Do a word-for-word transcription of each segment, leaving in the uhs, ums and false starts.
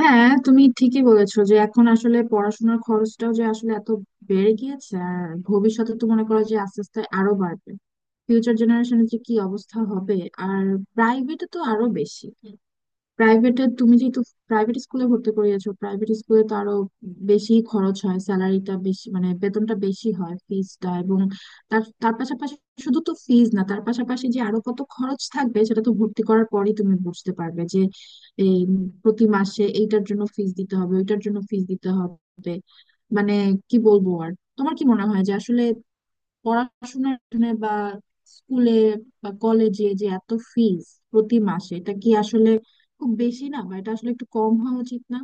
হ্যাঁ, তুমি ঠিকই বলেছো যে এখন আসলে পড়াশোনার খরচটাও যে আসলে এত বেড়ে গিয়েছে। আর ভবিষ্যতে তো মনে করো যে আস্তে আস্তে আরো বাড়বে। ফিউচার জেনারেশনের যে কি অবস্থা হবে! আর প্রাইভেটে তো আরো বেশি। প্রাইভেটে তুমি যেহেতু প্রাইভেট স্কুলে ভর্তি করিয়েছো, প্রাইভেট স্কুলে তো আরো বেশি খরচ হয়। স্যালারিটা বেশি, মানে বেতনটা বেশি হয়, ফিজটা, এবং তার তার পাশাপাশি শুধু তো ফিজ না, তার পাশাপাশি যে আরো কত খরচ থাকবে সেটা তো ভর্তি করার পরেই তুমি বুঝতে পারবে যে এই প্রতি মাসে এইটার জন্য ফিজ দিতে হবে, ওইটার জন্য ফিজ দিতে হবে। মানে কি বলবো আর! তোমার কি মনে হয় যে আসলে পড়াশোনার জন্য বা স্কুলে বা কলেজে যে এত ফিজ প্রতি মাসে, এটা কি আসলে খুব বেশি না? বা এটা আসলে একটু কম হওয়া উচিত না?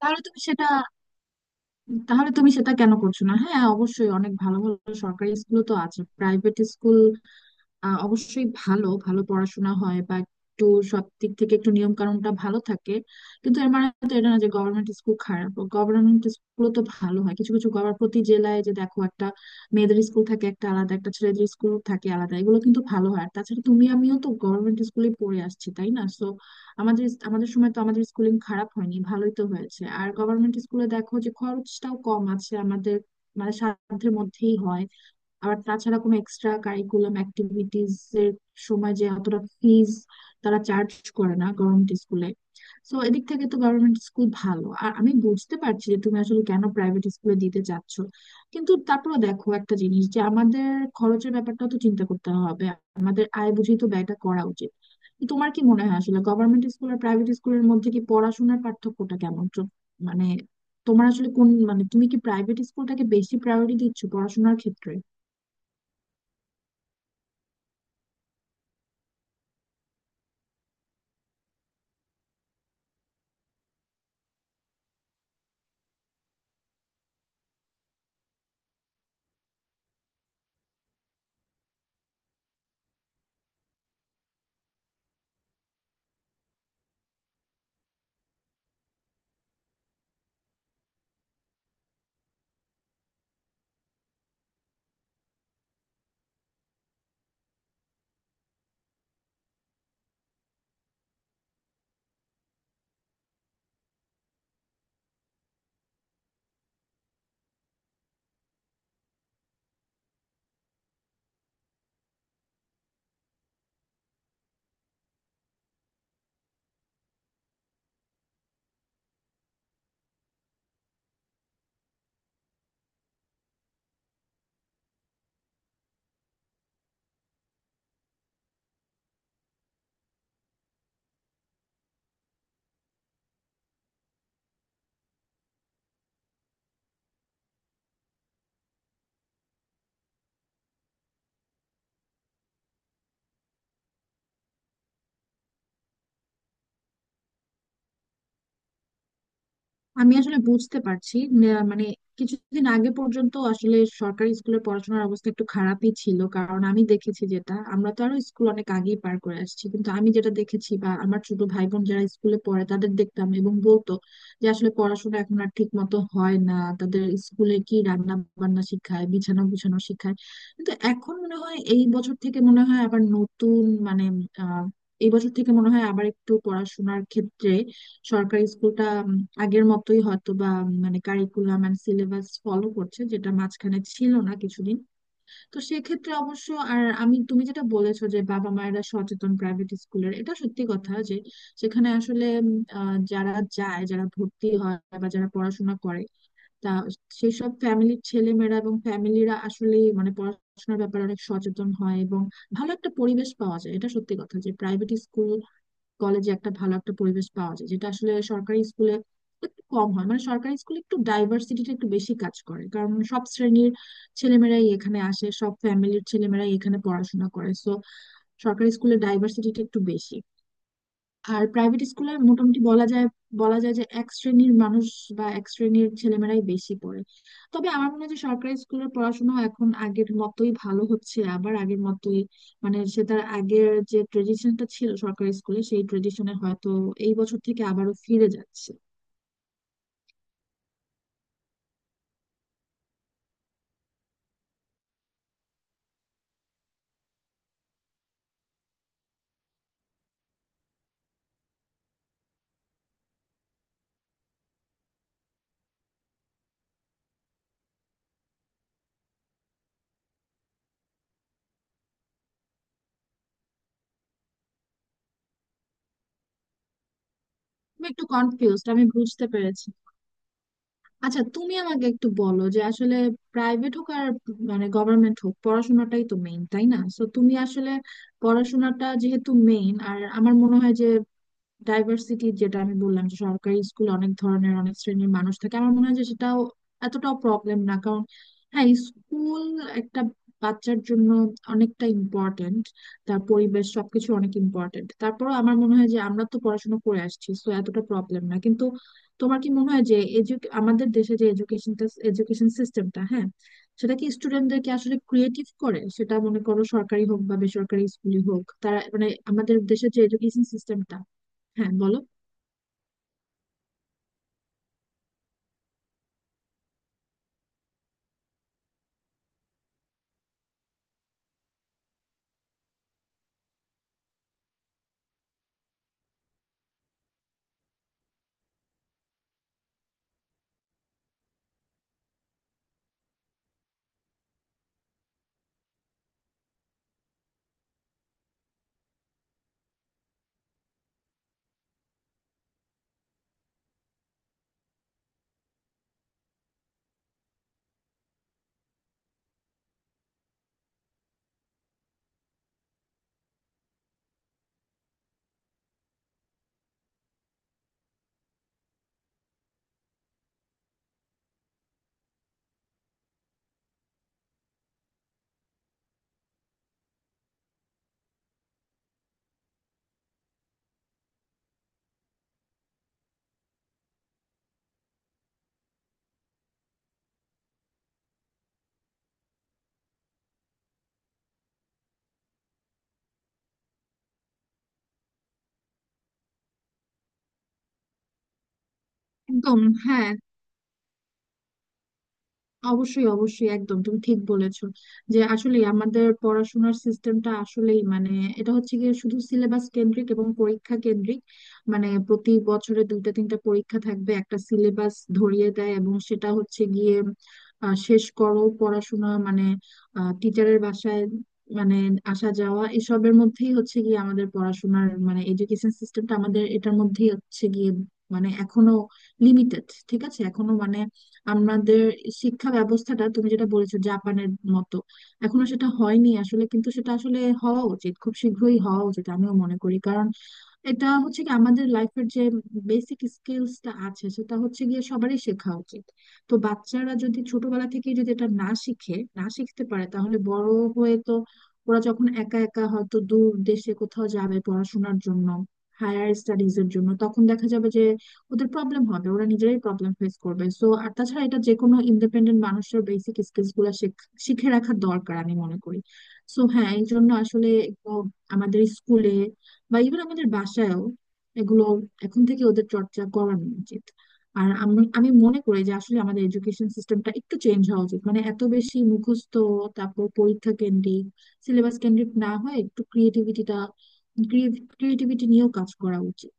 তাহলে তুমি সেটা, তাহলে তুমি সেটা কেন করছো না? হ্যাঁ, অবশ্যই অনেক ভালো ভালো সরকারি স্কুল তো আছে। প্রাইভেট স্কুল আহ অবশ্যই ভালো ভালো পড়াশোনা হয়, বা একটু সব দিক থেকে একটু নিয়ম কানুনটা ভালো থাকে, কিন্তু এর মানে তো এটা না যে গভর্নমেন্ট স্কুল খারাপ। গভর্নমেন্ট স্কুল তো ভালো হয়। কিছু কিছু গভর্নমেন্ট প্রতি জেলায় যে দেখো একটা মেয়েদের স্কুল থাকে একটা আলাদা, একটা ছেলেদের স্কুল থাকে আলাদা, এগুলো কিন্তু ভালো হয়। আর তাছাড়া তুমি আমিও তো গভর্নমেন্ট স্কুলে পড়ে আসছি, তাই না? সো আমাদের আমাদের সময় তো আমাদের স্কুলিং খারাপ হয়নি, ভালোই তো হয়েছে। আর গভর্নমেন্ট স্কুলে দেখো যে খরচটাও কম আছে, আমাদের মানে সাধ্যের মধ্যেই হয়। আর তাছাড়া কোনো এক্সট্রা কারিকুলাম অ্যাক্টিভিটিস এর সময় যে অতটা ফিজ তারা চার্জ করে না গভর্নমেন্ট স্কুলে। সো এদিক থেকে তো গভর্নমেন্ট স্কুল ভালো। আর আমি বুঝতে পারছি যে তুমি আসলে কেন প্রাইভেট স্কুলে দিতে চাচ্ছ, কিন্তু তারপরে দেখো একটা জিনিস যে আমাদের খরচের ব্যাপারটা তো চিন্তা করতে হবে, আমাদের আয় বুঝেই তো ব্যয়টা করা উচিত। তো তোমার কি মনে হয় আসলে গভর্নমেন্ট স্কুল আর প্রাইভেট স্কুলের মধ্যে কি পড়াশোনার পার্থক্যটা কেমন? তো মানে তোমার আসলে কোন, মানে তুমি কি প্রাইভেট স্কুলটাকে বেশি প্রায়োরিটি দিচ্ছ পড়াশোনার ক্ষেত্রে? আমি আসলে বুঝতে পারছি, না- মানে কিছুদিন আগে পর্যন্ত আসলে সরকারি স্কুলে পড়াশোনার অবস্থা একটু খারাপই ছিল। কারণ আমি দেখেছি, যেটা আমরা তো আরো স্কুল অনেক আগেই পার করে আসছি, কিন্তু আমি যেটা দেখেছি বা আমার ছোট ভাই বোন যারা স্কুলে পড়ে তাদের দেখতাম এবং বলতো যে আসলে পড়াশোনা এখন আর ঠিক মতো হয় না, তাদের স্কুলে কি রান্না বান্না শিখায়, বিছানা গুছানো শিখায়। কিন্তু এখন মনে হয় এই বছর থেকে মনে হয় আবার নতুন, মানে আহ এই বছর থেকে মনে হয় আবার একটু পড়াশোনার ক্ষেত্রে সরকারি স্কুলটা উম, আগের মতোই হয়তো, বা উম, মানে কারিকুলাম এন্ড সিলেবাস ফলো করছে, যেটা মাঝখানে ছিল না কিছুদিন। তো সেক্ষেত্রে অবশ্য আর আমি, তুমি যেটা বলেছো যে বাবা মায়েরা সচেতন প্রাইভেট স্কুলের, এটা সত্যি কথা যে সেখানে আসলে উম, আহ, যারা যায়, যারা ভর্তি হয় বা যারা পড়াশোনা করে তা, সেই সব ফ্যামিলির ছেলেমেয়েরা এবং ফ্যামিলিরা আসলে মানে পড়াশোনার ব্যাপারে অনেক সচেতন হয় এবং ভালো একটা পরিবেশ পাওয়া যায়। এটা সত্যি কথা যে প্রাইভেট স্কুল কলেজে একটা ভালো একটা পরিবেশ পাওয়া যায়, যেটা আসলে সরকারি স্কুলে একটু কম হয়। মানে সরকারি স্কুলে একটু ডাইভার্সিটিটা একটু বেশি কাজ করে, কারণ সব শ্রেণীর ছেলেমেয়েরাই এখানে আসে, সব ফ্যামিলির ছেলেমেয়েরাই এখানে পড়াশোনা করে। সো সরকারি স্কুলে ডাইভার্সিটিটা একটু বেশি, আর প্রাইভেট স্কুলে মোটামুটি বলা যায়, বলা যায় যে এক শ্রেণীর মানুষ বা এক শ্রেণীর ছেলেমেয়েরাই বেশি পড়ে। তবে আমার মনে হয় যে সরকারি স্কুলের পড়াশোনা এখন আগের মতোই ভালো হচ্ছে আবার, আগের মতোই মানে সে তার আগের যে ট্রেডিশনটা ছিল সরকারি স্কুলে, সেই ট্রেডিশনে হয়তো এই বছর থেকে আবারও ফিরে যাচ্ছে। আমি একটু কনফিউজড, আমি বুঝতে পেরেছি। আচ্ছা, তুমি আমাকে একটু বলো যে আসলে প্রাইভেট হোক আর মানে গভর্নমেন্ট হোক পড়াশোনাটাই তো মেইন, তাই না? তো তুমি আসলে পড়াশোনাটা যেহেতু মেইন, আর আমার মনে হয় যে ডাইভার্সিটি যেটা আমি বললাম যে সরকারি স্কুলে অনেক ধরনের অনেক শ্রেণীর মানুষ থাকে, আমার মনে হয় যে সেটাও এতটাও প্রবলেম না। কারণ হ্যাঁ, স্কুল একটা বাচ্চার জন্য অনেকটা ইম্পর্ট্যান্ট, তার পরিবেশ সবকিছু অনেক ইম্পর্ট্যান্ট। তারপর আমার মনে হয় যে আমরা তো পড়াশোনা করে আসছি, তো এতটা প্রবলেম না। কিন্তু তোমার কি মনে হয় যে এডুক আমাদের দেশে যে এডুকেশনটা, এডুকেশন সিস্টেমটা, হ্যাঁ, সেটা কি স্টুডেন্টদেরকে আসলে ক্রিয়েটিভ করে? সেটা মনে করো সরকারি হোক বা বেসরকারি স্কুলই হোক তারা, মানে আমাদের দেশের যে এডুকেশন সিস্টেমটা। হ্যাঁ, বলো। একদম, হ্যাঁ, অবশ্যই অবশ্যই একদম তুমি ঠিক বলেছো যে আসলে আমাদের পড়াশোনার সিস্টেমটা আসলেই মানে এটা হচ্ছে গিয়ে শুধু সিলেবাস কেন্দ্রিক এবং পরীক্ষা কেন্দ্রিক। মানে প্রতি বছরে দুইটা তিনটা পরীক্ষা থাকবে, একটা সিলেবাস ধরিয়ে দেয়, এবং সেটা হচ্ছে গিয়ে আহ, শেষ করো পড়াশোনা, মানে টিচারের বাসায় মানে আসা যাওয়া এসবের মধ্যেই হচ্ছে গিয়ে আমাদের পড়াশোনার, মানে এডুকেশন সিস্টেমটা আমাদের এটার মধ্যেই হচ্ছে গিয়ে, মানে এখনো লিমিটেড। ঠিক আছে, এখনো মানে আমাদের শিক্ষা ব্যবস্থাটা তুমি যেটা বলেছো জাপানের মতো, এখনো সেটা হয়নি আসলে, কিন্তু সেটা আসলে হওয়া উচিত, খুব শীঘ্রই হওয়া উচিত, আমিও মনে করি। কারণ এটা হচ্ছে কি, আমাদের লাইফের যে বেসিক স্কিলসটা আছে সেটা হচ্ছে গিয়ে সবারই শেখা উচিত। তো বাচ্চারা যদি ছোটবেলা থেকে যদি এটা না শিখে, না শিখতে পারে, তাহলে বড় হয়ে তো ওরা যখন একা একা হয়তো দূর দেশে কোথাও যাবে পড়াশোনার জন্য, হায়ার স্টাডিজ এর জন্য, তখন দেখা যাবে যে ওদের প্রবলেম হবে, ওরা নিজেরাই প্রবলেম ফেস করবে। সো আর তাছাড়া এটা যে কোনো ইন্ডিপেন্ডেন্ট মানুষের বেসিক স্কিলস গুলা শেখ- শিখে রাখা দরকার, আমি মনে করি। সো হ্যাঁ, এই জন্য আসলে একটু আমাদের স্কুলে বা ইভেন আমাদের বাসায়ও এগুলো এখন থেকে ওদের চর্চা করানো উচিত। আর আমি আমি মনে করি যে আসলে আমাদের এডুকেশন সিস্টেমটা একটু চেঞ্জ হওয়া উচিত, মানে এত বেশি মুখস্থ, তারপর পরীক্ষা কেন্দ্রিক, সিলেবাস কেন্দ্রিক না হয় একটু ক্রিয়েটিভিটিটা, ক্রিয়েটিভিটি নিয়েও কাজ করা উচিত।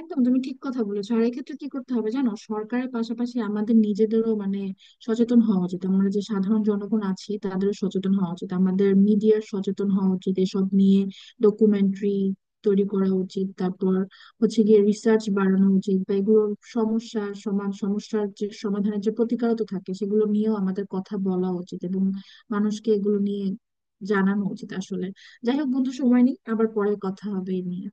একদম তুমি ঠিক কথা বলেছো। আর এক্ষেত্রে কি করতে হবে জানো? সরকারের পাশাপাশি আমাদের নিজেদেরও মানে সচেতন হওয়া উচিত, আমরা যে সাধারণ জনগণ আছি তাদেরও সচেতন হওয়া উচিত, আমাদের মিডিয়ার সচেতন হওয়া উচিত। এসব নিয়ে ডকুমেন্টারি তৈরি করা উচিত, তারপর হচ্ছে গিয়ে রিসার্চ বাড়ানো উচিত, বা এগুলোর সমস্যা সমান সমস্যার যে সমাধানের যে প্রতিকারও তো থাকে সেগুলো নিয়েও আমাদের কথা বলা উচিত এবং মানুষকে এগুলো নিয়ে জানানো উচিত আসলে। যাই হোক বন্ধু, সময় নেই, আবার পরে কথা হবে এই নিয়ে।